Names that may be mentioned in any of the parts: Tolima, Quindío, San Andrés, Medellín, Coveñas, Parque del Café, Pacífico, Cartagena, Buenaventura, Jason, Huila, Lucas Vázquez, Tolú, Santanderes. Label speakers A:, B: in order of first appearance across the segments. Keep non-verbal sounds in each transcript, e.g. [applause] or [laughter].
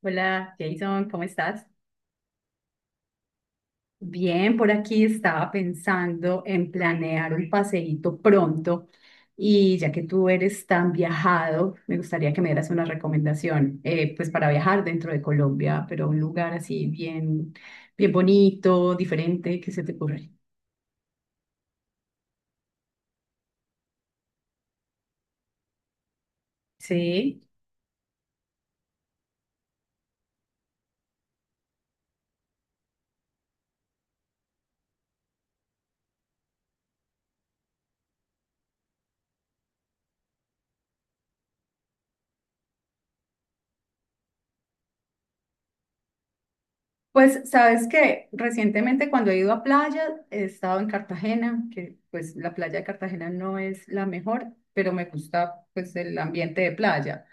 A: Hola Jason, ¿cómo estás? Bien, por aquí estaba pensando en planear un paseíto pronto y ya que tú eres tan viajado, me gustaría que me dieras una recomendación, pues para viajar dentro de Colombia, pero un lugar así bien, bien bonito, diferente, ¿qué se te ocurre? Sí, pues sabes que recientemente cuando he ido a playa he estado en Cartagena, que pues la playa de Cartagena no es la mejor, pero me gusta pues el ambiente de playa.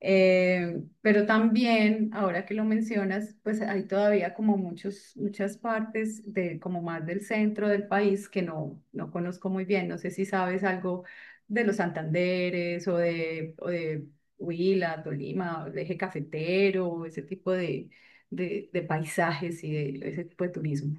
A: Pero también, ahora que lo mencionas, pues hay todavía como muchos, muchas partes de como más del centro del país que no, no conozco muy bien. No sé si sabes algo de los Santanderes o de, Huila, Tolima, o el eje cafetero, ese tipo de paisajes y de ese tipo de turismo.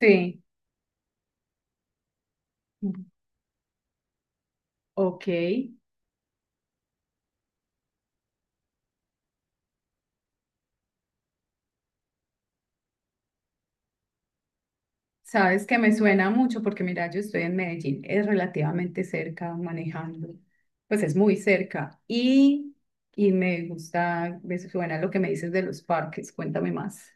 A: Sí. Ok. Sabes que me suena mucho porque mira, yo estoy en Medellín, es relativamente cerca manejando, pues es muy cerca y me gusta, me suena lo que me dices de los parques, cuéntame más.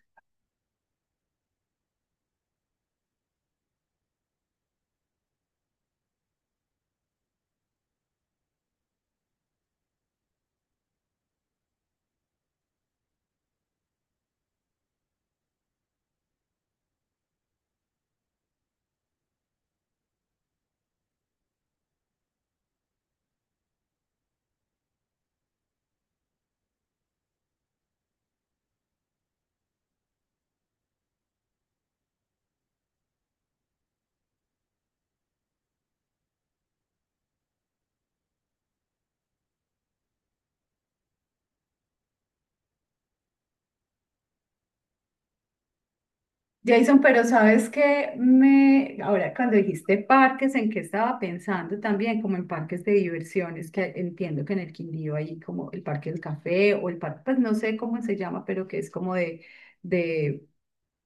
A: Jason, pero sabes que ahora cuando dijiste parques, ¿en qué estaba pensando también? Como en parques de diversiones, que entiendo que en el Quindío hay como el Parque del Café o el parque, pues no sé cómo se llama, pero que es como de, de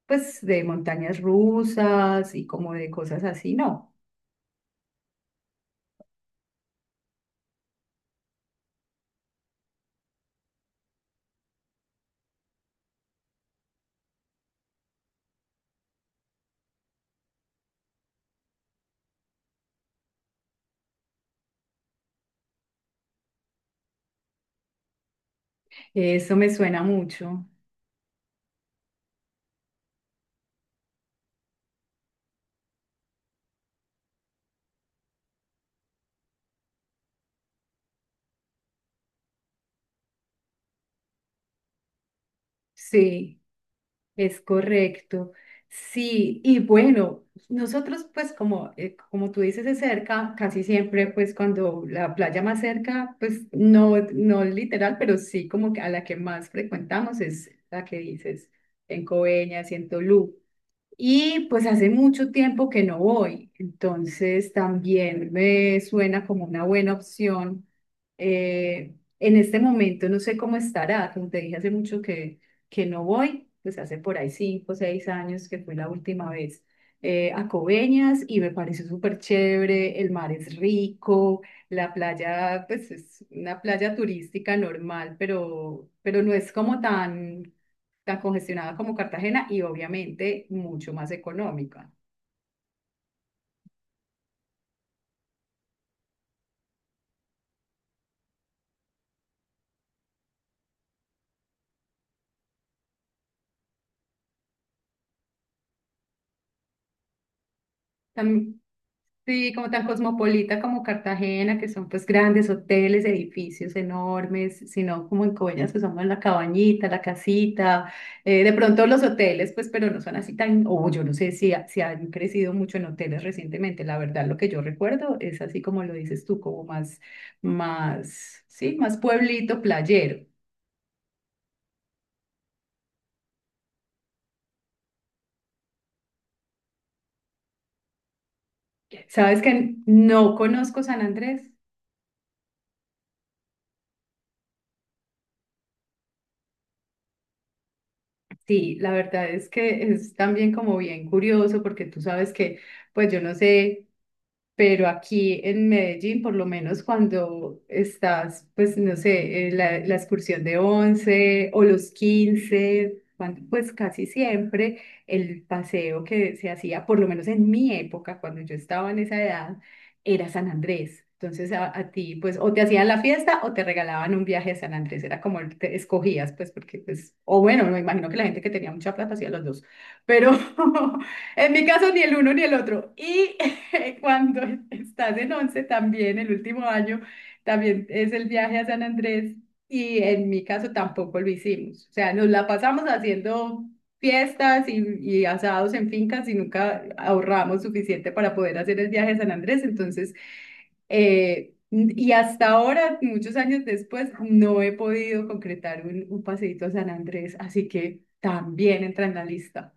A: pues de montañas rusas y como de cosas así, no. Eso me suena mucho. Sí, es correcto. Sí, y bueno, nosotros pues como, como tú dices de cerca, casi siempre pues cuando la playa más cerca, pues no, no literal, pero sí como que a la que más frecuentamos es la que dices en Coveñas y en Tolú. Y pues hace mucho tiempo que no voy, entonces también me suena como una buena opción. En este momento no sé cómo estará, como te dije hace mucho que no voy, pues hace por ahí 5 o 6 años que fue la última vez a Coveñas y me pareció súper chévere, el mar es rico, la playa pues es una playa turística normal, pero, no es como tan congestionada como Cartagena y obviamente mucho más económica. Tan- sí, como tan cosmopolita como Cartagena, que son pues grandes hoteles, edificios enormes, sino como en Coveñas que somos la cabañita, la casita, de pronto los hoteles, pues pero no son así tan, o yo no sé si, si han crecido mucho en hoteles recientemente, la verdad lo que yo recuerdo es así como lo dices tú, como más, sí, más pueblito, playero. ¿Sabes que no conozco San Andrés? Sí, la verdad es que es también como bien curioso porque tú sabes que, pues yo no sé. Pero aquí en Medellín, por lo menos cuando estás, pues no sé, en la excursión de 11 o los 15 cuando, pues casi siempre el paseo que se hacía, por lo menos en mi época, cuando yo estaba en esa edad, era San Andrés. Entonces a ti, pues o te hacían la fiesta o te regalaban un viaje a San Andrés, era como el- te escogías, pues porque, pues, o bueno, me imagino que la gente que tenía mucha plata hacía los dos, pero [laughs] en mi caso ni el uno ni el otro. Y [laughs] cuando estás en 11 también, el último año, también es el viaje a San Andrés y en mi caso tampoco lo hicimos. O sea, nos la pasamos haciendo fiestas y asados en fincas y nunca ahorramos suficiente para poder hacer el viaje a San Andrés. Entonces, y hasta ahora, muchos años después, no he podido concretar un, paseíto a San Andrés, así que también entra en la lista.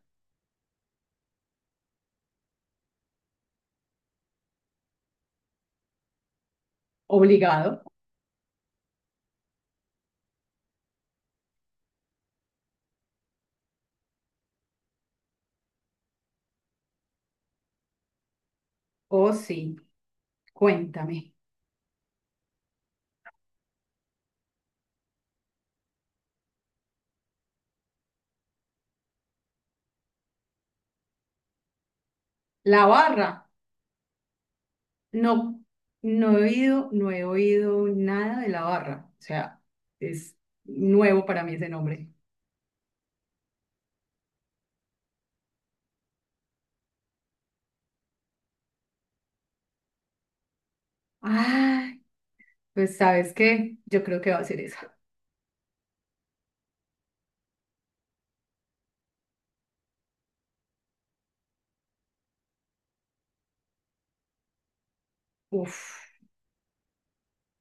A: Obligado. Oh, sí, cuéntame. La barra, no, no he oído, no he oído nada de la barra. O sea, es nuevo para mí ese nombre. Ay, pues ¿sabes qué? Yo creo que va a ser esa. Uf,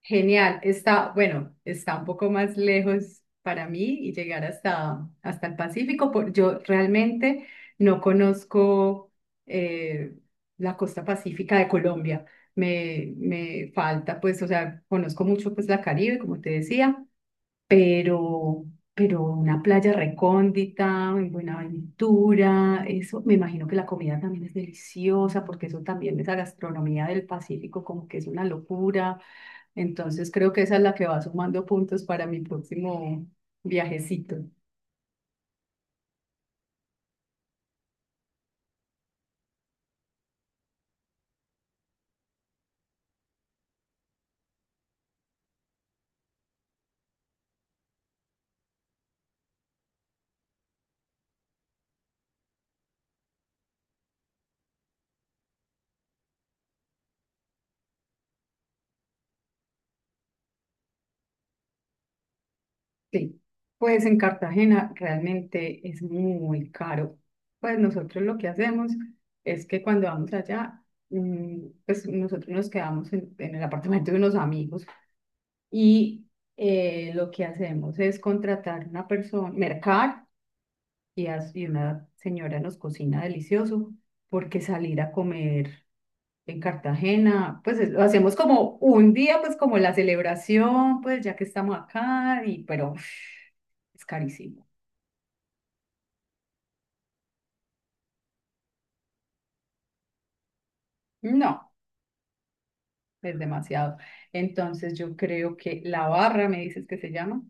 A: genial. Está, bueno, está un poco más lejos para mí y llegar hasta, el Pacífico. Yo realmente no conozco eh, la costa pacífica de Colombia. Me falta, pues, o sea, conozco mucho pues la Caribe, como te decía pero, una playa recóndita, en Buenaventura, eso, me imagino que la comida también es deliciosa, porque eso también, esa gastronomía del Pacífico, como que es una locura. Entonces creo que esa es la que va sumando puntos para mi próximo viajecito. Sí, pues en Cartagena realmente es muy caro. Pues nosotros lo que hacemos es que cuando vamos allá, pues nosotros nos quedamos en, el apartamento de unos amigos y lo que hacemos es contratar una persona, mercar y, y una señora nos cocina delicioso porque salir a comer. En Cartagena, pues lo hacemos como un día, pues como la celebración, pues ya que estamos acá, y pero uf, es carísimo. No, es demasiado. Entonces yo creo que la barra, me dices que se llama.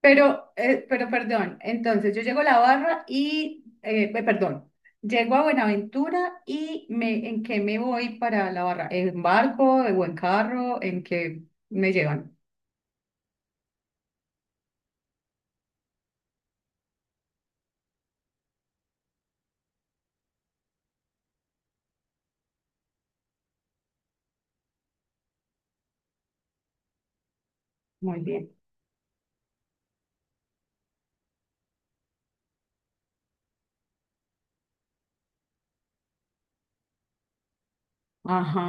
A: Pero perdón, entonces yo llego a la barra perdón, llego a Buenaventura y me, ¿en qué me voy para la barra? ¿En barco o en carro? ¿En qué me llevan? Muy bien. Ajá.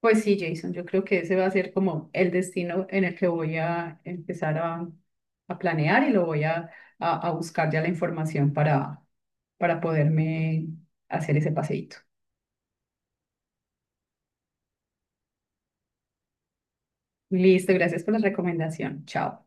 A: Pues sí, Jason, yo creo que ese va a ser como el destino en el que voy a empezar a planear y lo voy a buscar ya la información para, poderme hacer ese paseíto. Listo, gracias por la recomendación. Chao.